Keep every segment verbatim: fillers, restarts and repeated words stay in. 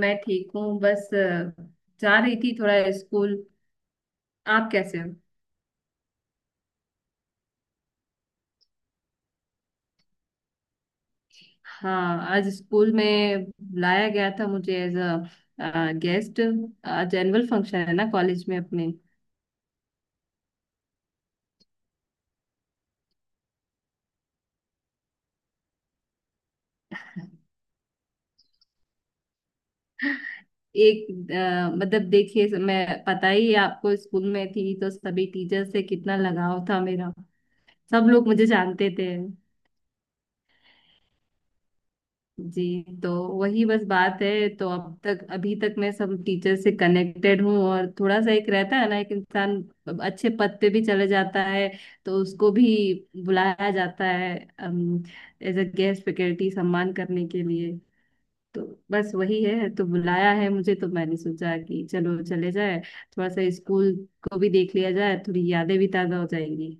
मैं ठीक हूँ बस अ, जा रही थी थोड़ा स्कूल। आप कैसे हो? हाँ, आज स्कूल में लाया गया था मुझे एज अ गेस्ट। आज एनुअल फंक्शन है ना कॉलेज में अपने। एक अ, मतलब देखिए, मैं, पता ही है आपको, स्कूल में थी तो सभी टीचर से कितना लगाव था मेरा। सब लोग मुझे जानते थे। जी, तो वही बस बात है तो अब तक, अभी तक मैं सब टीचर से कनेक्टेड हूँ, और थोड़ा सा एक रहता है ना, एक इंसान अच्छे पद पे भी चले जाता है तो उसको भी बुलाया जाता है एज अ गेस्ट फैकल्टी सम्मान करने के लिए। तो बस वही है, तो बुलाया है मुझे तो मैंने सोचा कि चलो चले जाए, थोड़ा सा स्कूल को भी देख लिया जाए, थोड़ी यादें भी ताजा हो जाएंगी।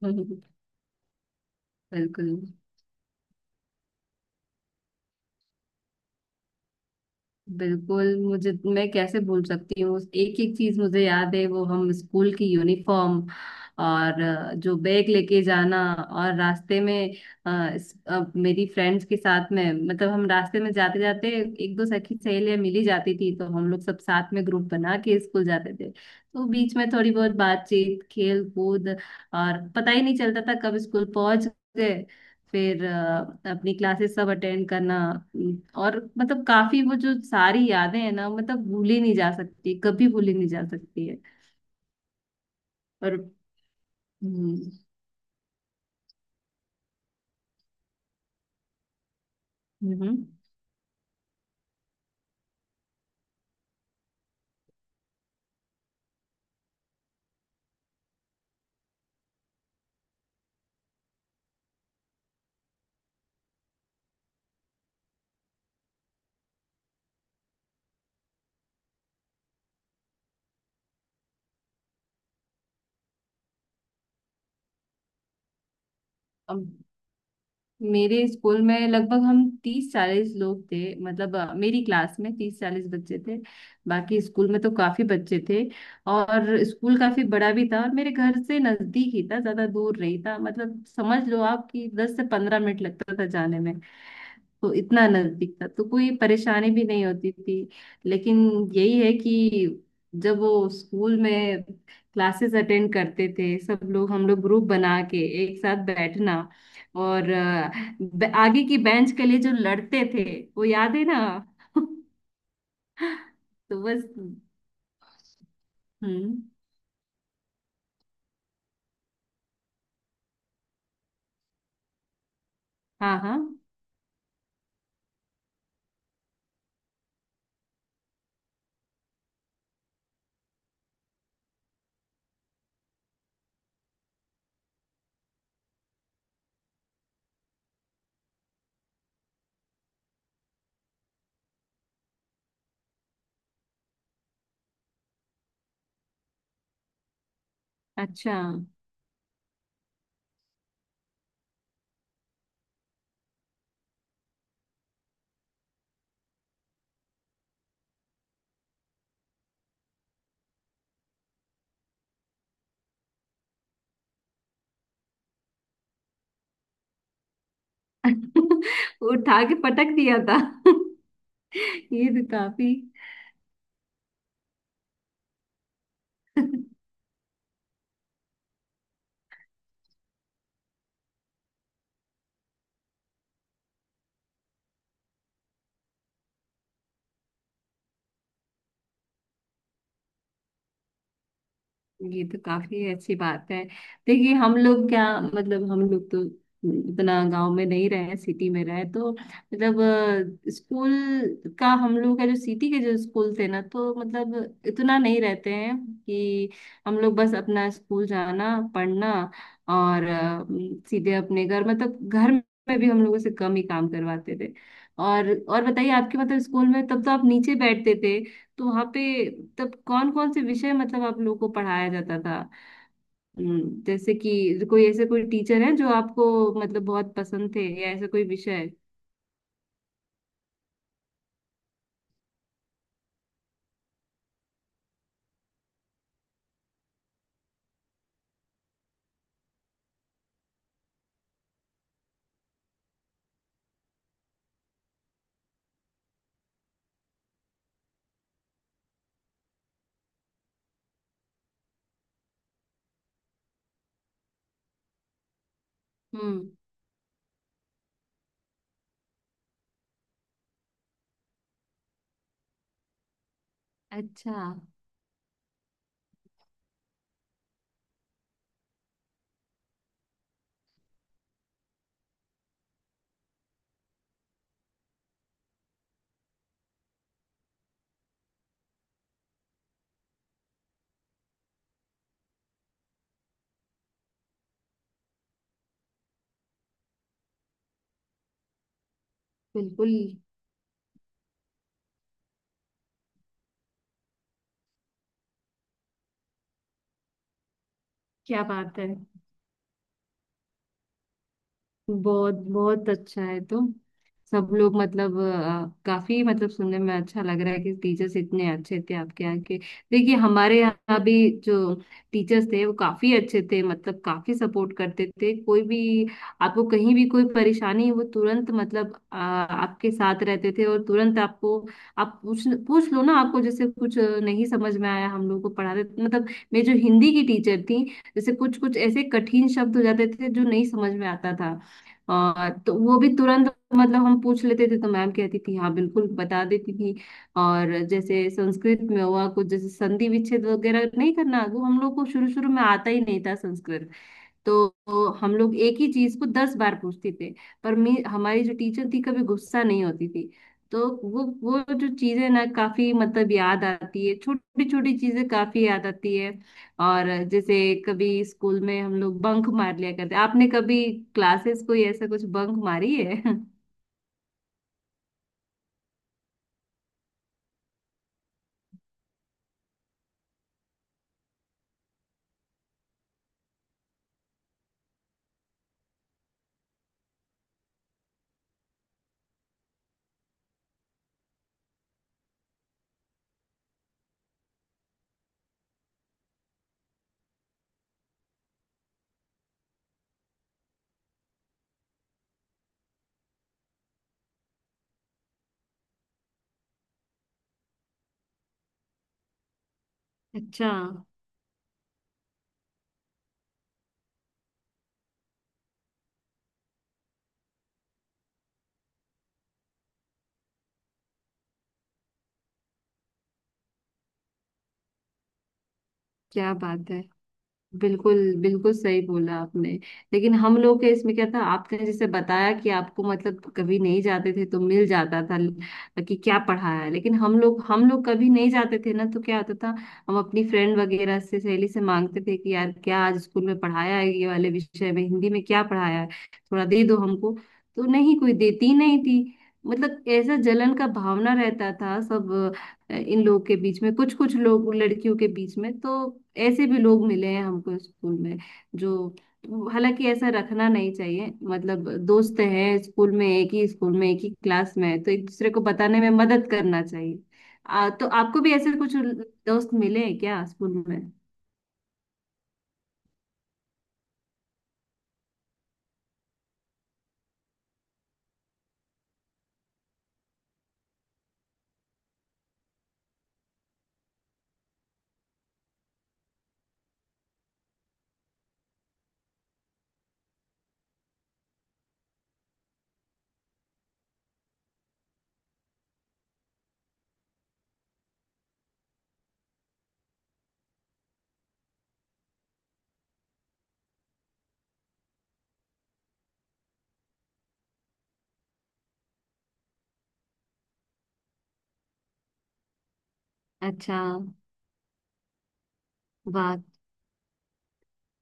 बिल्कुल। बिल्कुल, मुझे मैं कैसे भूल सकती हूँ, एक एक चीज मुझे याद है, वो हम स्कूल की यूनिफॉर्म और अ, जो बैग लेके जाना और रास्ते में अ, इस- अ, मेरी फ्रेंड्स के साथ में, मतलब हम रास्ते में जाते जाते एक दो सखी सहेलियां मिली जाती थी तो हम लोग सब साथ में ग्रुप बना के स्कूल जाते थे, तो बीच में थोड़ी बहुत बातचीत, खेल कूद, और पता ही नहीं चलता था कब स्कूल पहुंच गए। फिर अ, अपनी क्लासेस सब अटेंड करना। उम, और मतलब काफी, वो जो सारी यादें हैं ना, मतलब भूली नहीं जा सकती, कभी भूली नहीं जा सकती है। और हम्म। हम्म, मेरे स्कूल में लगभग हम तीस चालीस लोग थे, मतलब अ, मेरी क्लास में तीस चालीस बच्चे थे। बाकी स्कूल में तो काफी बच्चे थे, और स्कूल काफी बड़ा भी था, और मेरे घर से नजदीक ही था, ज्यादा दूर नहीं था, मतलब समझ लो आप कि दस से पंद्रह मिनट लगता था जाने में। तो इतना नजदीक था तो कोई परेशानी भी नहीं होती थी। लेकिन यही है कि जब वो स्कूल में क्लासेस अटेंड करते थे सब लोग, हम लोग ग्रुप बना के एक साथ बैठना, और ब- आगे की बेंच के लिए जो लड़ते थे, वो याद है ना। तो बस। हम्म। हाँ, हाँ। अच्छा। उठा के पटक दिया था। ये तो काफी। ये तो काफी अच्छी बात है। देखिए हम लोग क्या, मतलब हम लोग तो इतना गांव में नहीं रहे, सिटी में रहे, तो मतलब अ, स्कूल का, हम लोग का जो सिटी के जो स्कूल थे ना, तो मतलब इतना नहीं रहते हैं कि हम लोग बस अपना स्कूल जाना, पढ़ना, और अ, सीधे अपने घर, मतलब घर में भी हम लोगों से कम ही काम करवाते थे। और और बताइए, आपके मतलब स्कूल में तब तो आप नीचे बैठते थे, तो वहाँ पे तब कौन कौन से विषय मतलब आप लोगों को पढ़ाया जाता था? हम्म, जैसे कि कोई ऐसे कोई टीचर है जो आपको, मतलब बहुत पसंद थे, या ऐसा कोई विषय? हम्म। अच्छा। बिल्कुल। क्या बात है। बहुत बहुत अच्छा है, तो सब लोग मतलब अ, काफी, मतलब सुनने में अच्छा लग रहा है कि टीचर्स इतने अच्छे थे आपके यहाँ के। देखिए हमारे यहाँ भी जो टीचर्स थे वो काफी अच्छे थे, मतलब काफी सपोर्ट करते थे। कोई भी आपको कहीं भी कोई परेशानी है, वो तुरंत मतलब अ, आपके साथ रहते थे, और तुरंत आपको, आप पूछ पूछ लो ना, आपको जैसे कुछ नहीं समझ में आया, हम लोग को पढ़ाते मतलब, मेरी जो हिंदी की टीचर थी, जैसे कुछ कुछ ऐसे कठिन शब्द हो जाते थे जो नहीं समझ में आता था, और तो वो भी तुरंत, मतलब हम पूछ लेते थे तो मैम कहती थी हाँ बिल्कुल, बता देती थी। और जैसे संस्कृत में हुआ कुछ, जैसे संधि विच्छेद वगैरह नहीं करना, वो हम लोग को शुरू शुरू में आता ही नहीं था संस्कृत। तो तो हम लोग एक ही चीज को दस बार पूछते थे, पर मी हमारी जो टीचर थी कभी गुस्सा नहीं होती थी। तो वो वो जो चीजें ना काफी मतलब याद आती है, छोटी छोटी चीजें काफी याद आती है। और जैसे कभी स्कूल में हम लोग बंक मार लिया करते, आपने कभी क्लासेस कोई ऐसा कुछ बंक मारी है? अच्छा। क्या बात है। बिल्कुल, बिल्कुल सही बोला आपने। लेकिन हम लोग के इसमें क्या था, आपने जैसे बताया कि आपको मतलब कभी नहीं जाते थे तो मिल जाता था ल- कि क्या पढ़ा है, लेकिन हम लोग हम लोग कभी नहीं जाते थे ना तो क्या होता था? हम अपनी फ्रेंड वगैरह से, सहेली से मांगते थे कि यार क्या आज स्कूल में पढ़ाया है, ये वाले विषय में, हिंदी में क्या पढ़ाया है, थोड़ा दे दो हमको। तो नहीं, कोई देती नहीं थी, मतलब ऐसा जलन का भावना रहता था सब अ, इन लोगों के बीच में, कुछ कुछ लोग, लड़कियों के बीच में तो ऐसे भी लोग मिले हैं हमको स्कूल में, जो, हालांकि ऐसा रखना नहीं चाहिए, मतलब दोस्त हैं, स्कूल में एक ही स्कूल में एक ही क्लास में है तो एक दूसरे को बताने में मदद करना चाहिए। आ, तो आपको भी ऐसे कुछ दोस्त मिले हैं क्या स्कूल में? अच्छा। वाह।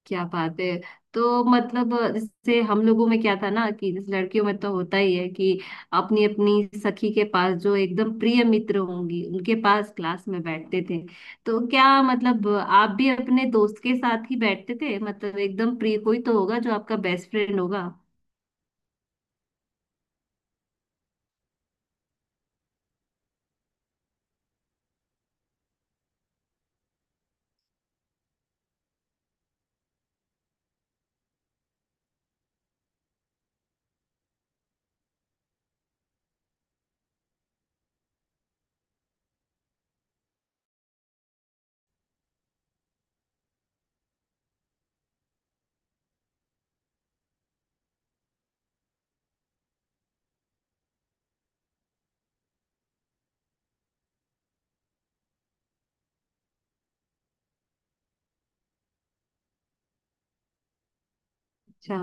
क्या बात है। तो मतलब जैसे हम लोगों में क्या था ना, कि जैसे लड़कियों में तो होता ही है कि अपनी अपनी सखी के पास, जो एकदम प्रिय मित्र होंगी, उनके पास क्लास में बैठते थे। तो क्या मतलब आप भी अपने दोस्त के साथ ही बैठते थे, मतलब एकदम प्रिय कोई तो होगा जो आपका बेस्ट फ्रेंड होगा। अच्छा।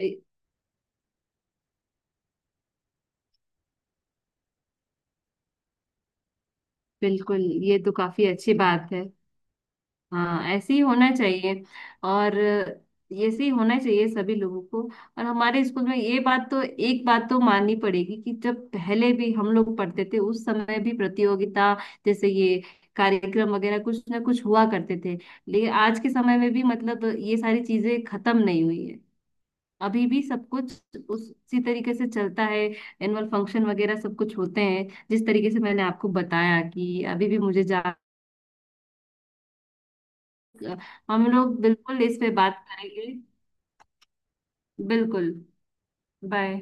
ए- बिल्कुल, ये तो काफी अच्छी बात है। हाँ, ऐसे ही होना चाहिए। और ऐसे ही होना चाहिए सभी लोगों को। और हमारे स्कूल में ये बात तो, एक बात तो माननी पड़ेगी कि जब पहले भी हम लोग पढ़ते थे उस समय भी प्रतियोगिता, जैसे ये कार्यक्रम वगैरह कुछ ना कुछ हुआ करते थे। लेकिन आज के समय में भी, मतलब, ये सारी चीजें खत्म नहीं हुई है, अभी भी सब कुछ उसी तरीके से चलता है। एनुअल फंक्शन वगैरह सब कुछ होते हैं, जिस तरीके से मैंने आपको बताया कि अभी भी मुझे, हम लोग बिल्कुल इस पे बात करेंगे। बिल्कुल। बाय।